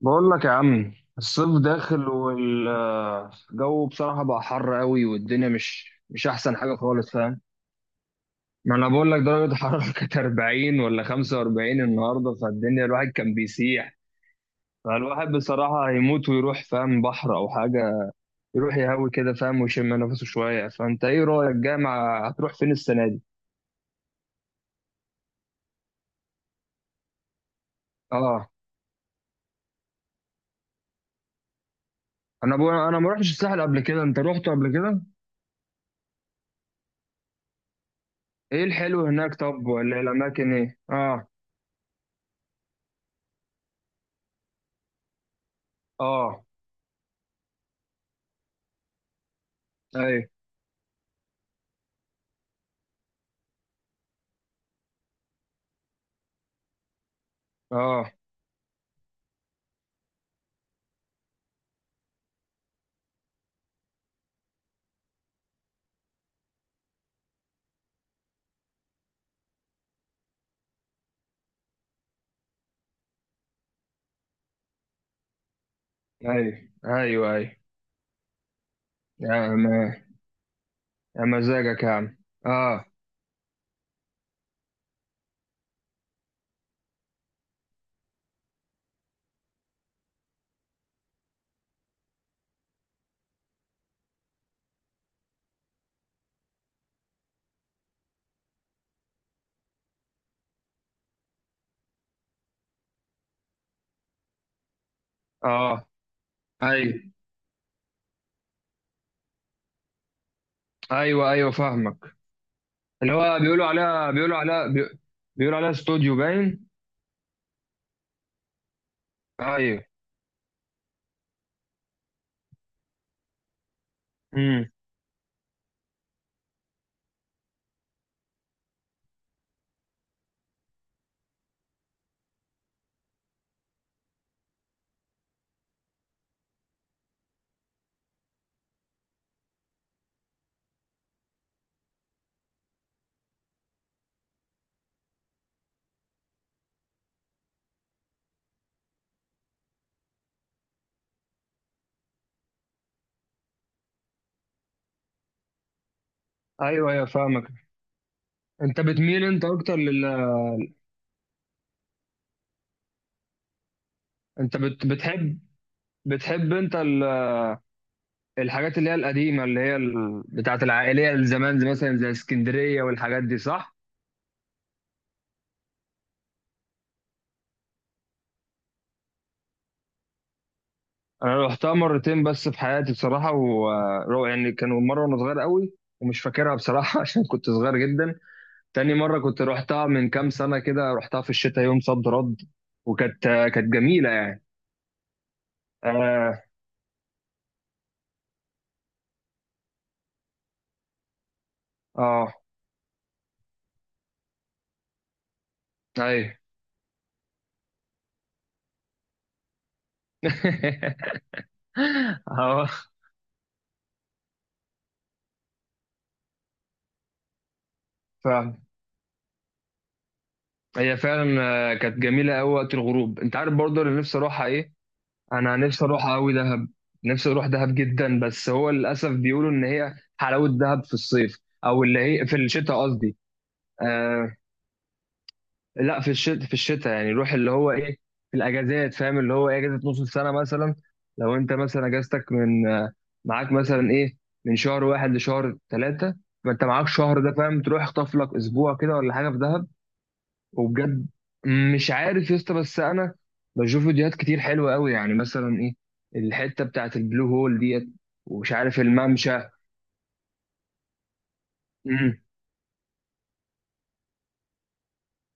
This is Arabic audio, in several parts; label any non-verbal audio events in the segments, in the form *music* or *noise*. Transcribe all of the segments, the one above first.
بقول لك يا عم، الصيف داخل والجو بصراحة بقى حر قوي. والدنيا مش أحسن حاجة خالص، فاهم؟ ما أنا بقول لك درجة الحرارة *laughs* كانت 40 ولا 45 النهاردة، فالدنيا الواحد كان بيسيح. فالواحد بصراحة هيموت ويروح، فاهم، بحر أو حاجة. يروح يهوي كده، فاهم، ويشم نفسه شوية. فأنت إيه رأيك، جامعة هتروح فين السنة دي؟ آه. أنا بقول، أنا ما رحتش الساحل قبل كده، أنت رحت قبل كده؟ إيه الحلو هناك طب، ولا الأماكن إيه؟ آه. آه. أيوه. آه. ايوه، ايوه، ايوه. يا ما. يا مزاجك يا عم. اه، اه. ايوه، ايوه، ايوه، فاهمك. اللي هو بيقولوا عليها استوديو باين. ايوه. امم، ايوه، ايوه، فاهمك. انت بتميل انت اكتر لل انت بت... بتحب الحاجات اللي هي القديمه، اللي هي بتاعت العائليه الزمان، زي مثلا زي اسكندريه والحاجات دي، صح؟ انا رحتها مرتين بس في حياتي بصراحه، و يعني كانوا مره وانا صغير قوي ومش فاكرها بصراحه *laughs* عشان كنت صغير جدا. تاني مره كنت رحتها من كام سنه كده، رحتها في الشتاء يوم صد رد، وكانت كانت جميله يعني. اه، اه، ايوه. *laughs* اه، فعلا. هي فعلا. كانت جميله قوي وقت الغروب. انت عارف برضه اللي نفسي اروحها ايه؟ انا نفسي اروحها قوي، دهب. نفسي اروح دهب جدا، بس هو للاسف بيقولوا ان هي حلاوه دهب في الصيف، او اللي هي في الشتاء قصدي. آه، لا، في الشتاء. في الشتاء يعني روح اللي هو ايه، في الاجازات، فاهم، اللي هو ايه، اجازه نص السنه مثلا. لو انت مثلا اجازتك من آه، معاك مثلا ايه من شهر واحد لشهر ثلاثه. فانت معاك شهر ده، فاهم، تروح اخطف لك اسبوع كده ولا حاجه في دهب. وبجد مش عارف يا اسطى، بس انا بشوف فيديوهات كتير حلوه قوي، يعني مثلا ايه، الحته بتاعت البلو هول ديت، ومش عارف الممشى.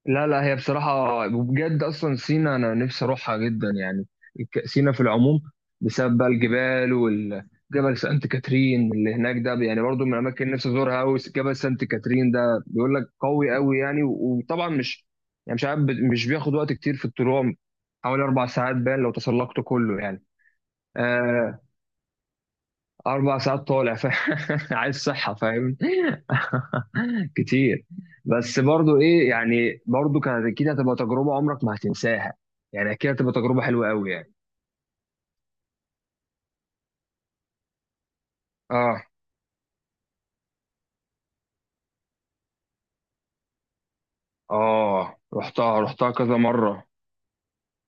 لا لا، هي بصراحة وبجد أصلا سينا، أنا نفسي أروحها جدا يعني. سينا في العموم، بسبب بقى الجبال، والجبل سانت كاترين اللي هناك ده. يعني برضو من الأماكن اللي نفسي أزورها أوي جبل سانت كاترين ده، بيقول لك قوي أوي يعني. وطبعا مش، يعني مش عارف مش بياخد وقت كتير في الطلوع. حوالي 4 ساعات باين لو تسلقته كله يعني. آه، أربع ساعات طالع. *laughs* عايز صحة، فاهم. *laughs* كتير. بس برضو ايه يعني، برضو كانت اكيد هتبقى تجربه عمرك ما هتنساها. يعني اكيد هتبقى تجربه حلوه قوي يعني. اه. اه، رحتها كذا مره.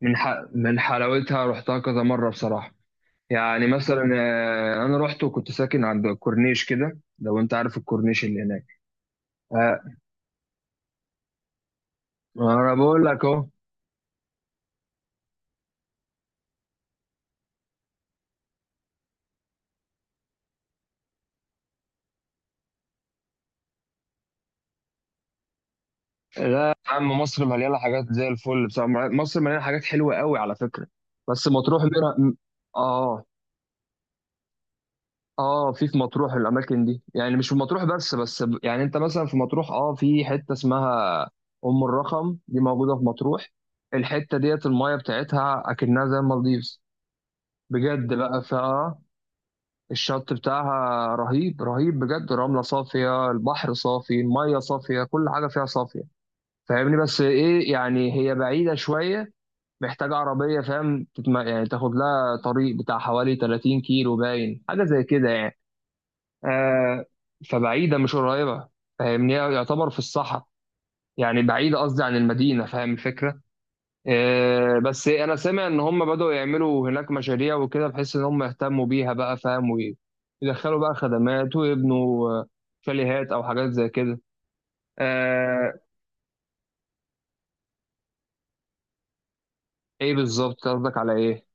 من ح... من حلاوتها رحتها كذا مره بصراحه. يعني مثلا، انا رحت وكنت ساكن عند الكورنيش كده، لو انت عارف الكورنيش اللي هناك. آه، ما انا بقول لك اهو. لا يا عم، مصر مليانه حاجات زي الفل بصراحه. مصر مليانه حاجات حلوه قوي على فكره، بس مطروح منها. اه. اه، في مطروح الاماكن دي، يعني مش في مطروح بس. بس يعني انت مثلا في مطروح، في حته اسمها ام الرخم دي، موجوده في مطروح. الحته ديت المايه بتاعتها اكنها زي المالديفز بجد. بقى فيها الشط بتاعها رهيب، رهيب بجد. رمله صافيه، البحر صافي، المايه صافيه، كل حاجه فيها صافيه، فاهمني؟ بس ايه يعني، هي بعيده شويه، محتاجه عربيه، فاهم. يعني تاخد لها طريق بتاع حوالي 30 كيلو باين، حاجه زي كده يعني. آه فبعيدة مش قريبة، فاهمني، يعتبر في الصحراء. يعني بعيدة قصدي عن المدينة، فاهم الفكرة؟ بس أنا سامع إن هم بدأوا يعملوا هناك مشاريع وكده، بحيث إن هم يهتموا بيها بقى، فاهم، ويدخلوا بقى خدمات ويبنوا شاليهات أو حاجات زي كده. آه. إيه بالظبط قصدك، على إيه؟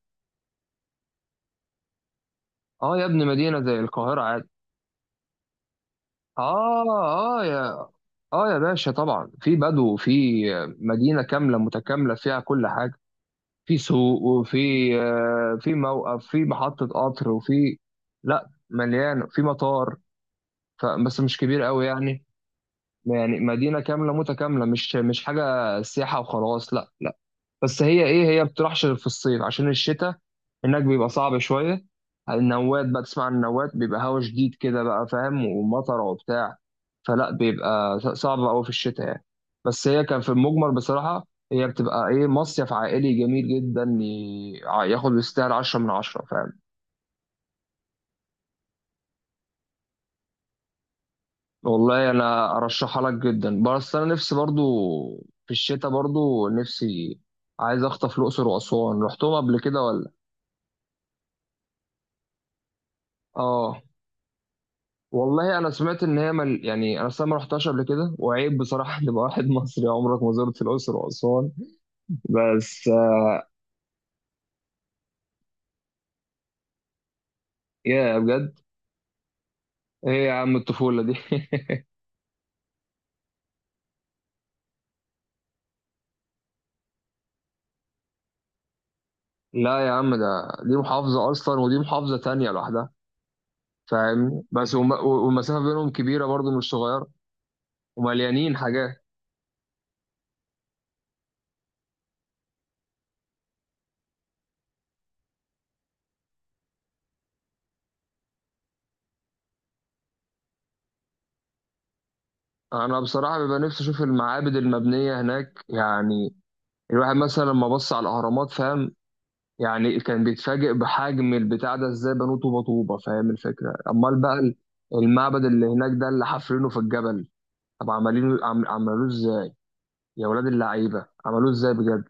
آه يا ابني، مدينة زي القاهرة عادي. آه. آه يا. آه يا باشا، طبعا في بدو، في مدينة كاملة متكاملة فيها كل حاجة. في سوق، وفي في موقف، في محطة قطر، وفي، لا، مليانة، في مطار بس مش كبير قوي يعني. يعني مدينة كاملة متكاملة، مش حاجة سياحة وخلاص، لا. بس هي ايه، هي بتروحش غير في الصيف، عشان الشتاء هناك بيبقى صعب شويه. النوات بقى، تسمع عن النوات، بيبقى هوا شديد كده بقى، فاهم، ومطر وبتاع. فلا بيبقى صعب قوي في الشتاء يعني. بس هي كان في المجمل بصراحه، هي بتبقى ايه، مصيف عائلي جميل جدا، ياخد يستاهل 10/10، فاهم. والله انا ارشحها لك جدا، بس انا نفسي برضو في الشتاء برضو نفسي عايز اخطف الاقصر واسوان. رحتهم قبل كده ولا؟ اه والله انا سمعت ان هي يعني انا أصلاً ما رحتهاش قبل كده، وعيب بصراحه *laughs* ان يبقى واحد *laughs* مصري عمرك ما زرت الاقصر واسوان. بس يا بجد؟ ايه يا عم الطفوله دي. *laughs* لا يا عم، ده، دي محافظه اصلا ودي محافظه تانية لوحدها، فاهمني؟ بس والمسافه بينهم كبيره برضو، مش صغيره، ومليانين حاجات. انا بصراحه بيبقى نفسي اشوف المعابد المبنيه هناك. يعني الواحد مثلا لما بص على الاهرامات، فاهم، يعني كان بيتفاجئ بحجم البتاع ده، ازاي بنوه طوبه طوبه، فاهم الفكره؟ امال بقى المعبد اللي هناك ده اللي حافرينه في الجبل. طب عمالينه عملوه ازاي، يا ولاد اللعيبه، عملوه ازاي بجد.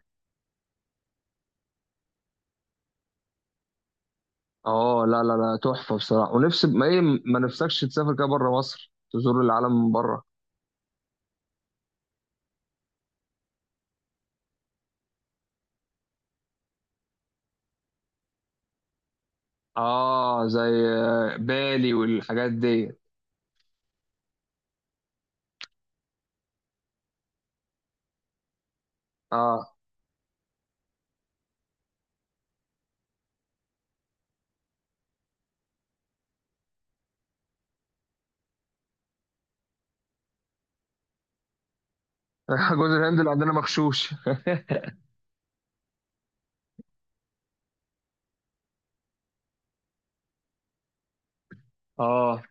اه، لا لا لا، تحفه بصراحه. ونفسي، ما ايه، ما نفسكش تسافر كده بره مصر، تزور العالم من بره. اه، زي بالي والحاجات دي. اه. *laughs* جوز الهند اللي عندنا مغشوش. *laughs* اه.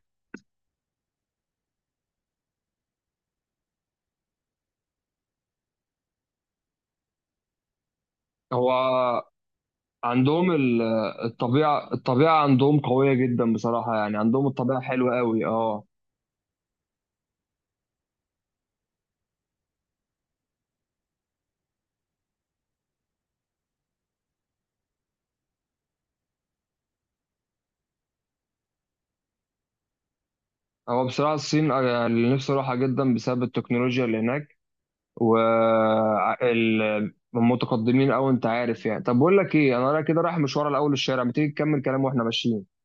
هو عندهم الطبيعة، الطبيعة عندهم قوية جدا بصراحة. يعني عندهم الطبيعة حلوة قوي، اه. هو بصراحة الصين أنا اللي نفسي أروحها جدا، بسبب التكنولوجيا اللي هناك، و متقدمين أوي، أنت عارف يعني. طب بقول لك إيه، أنا رايح كده رايح مشوار، الأول الشارع، ما تيجي تكمل كلام وإحنا ماشيين.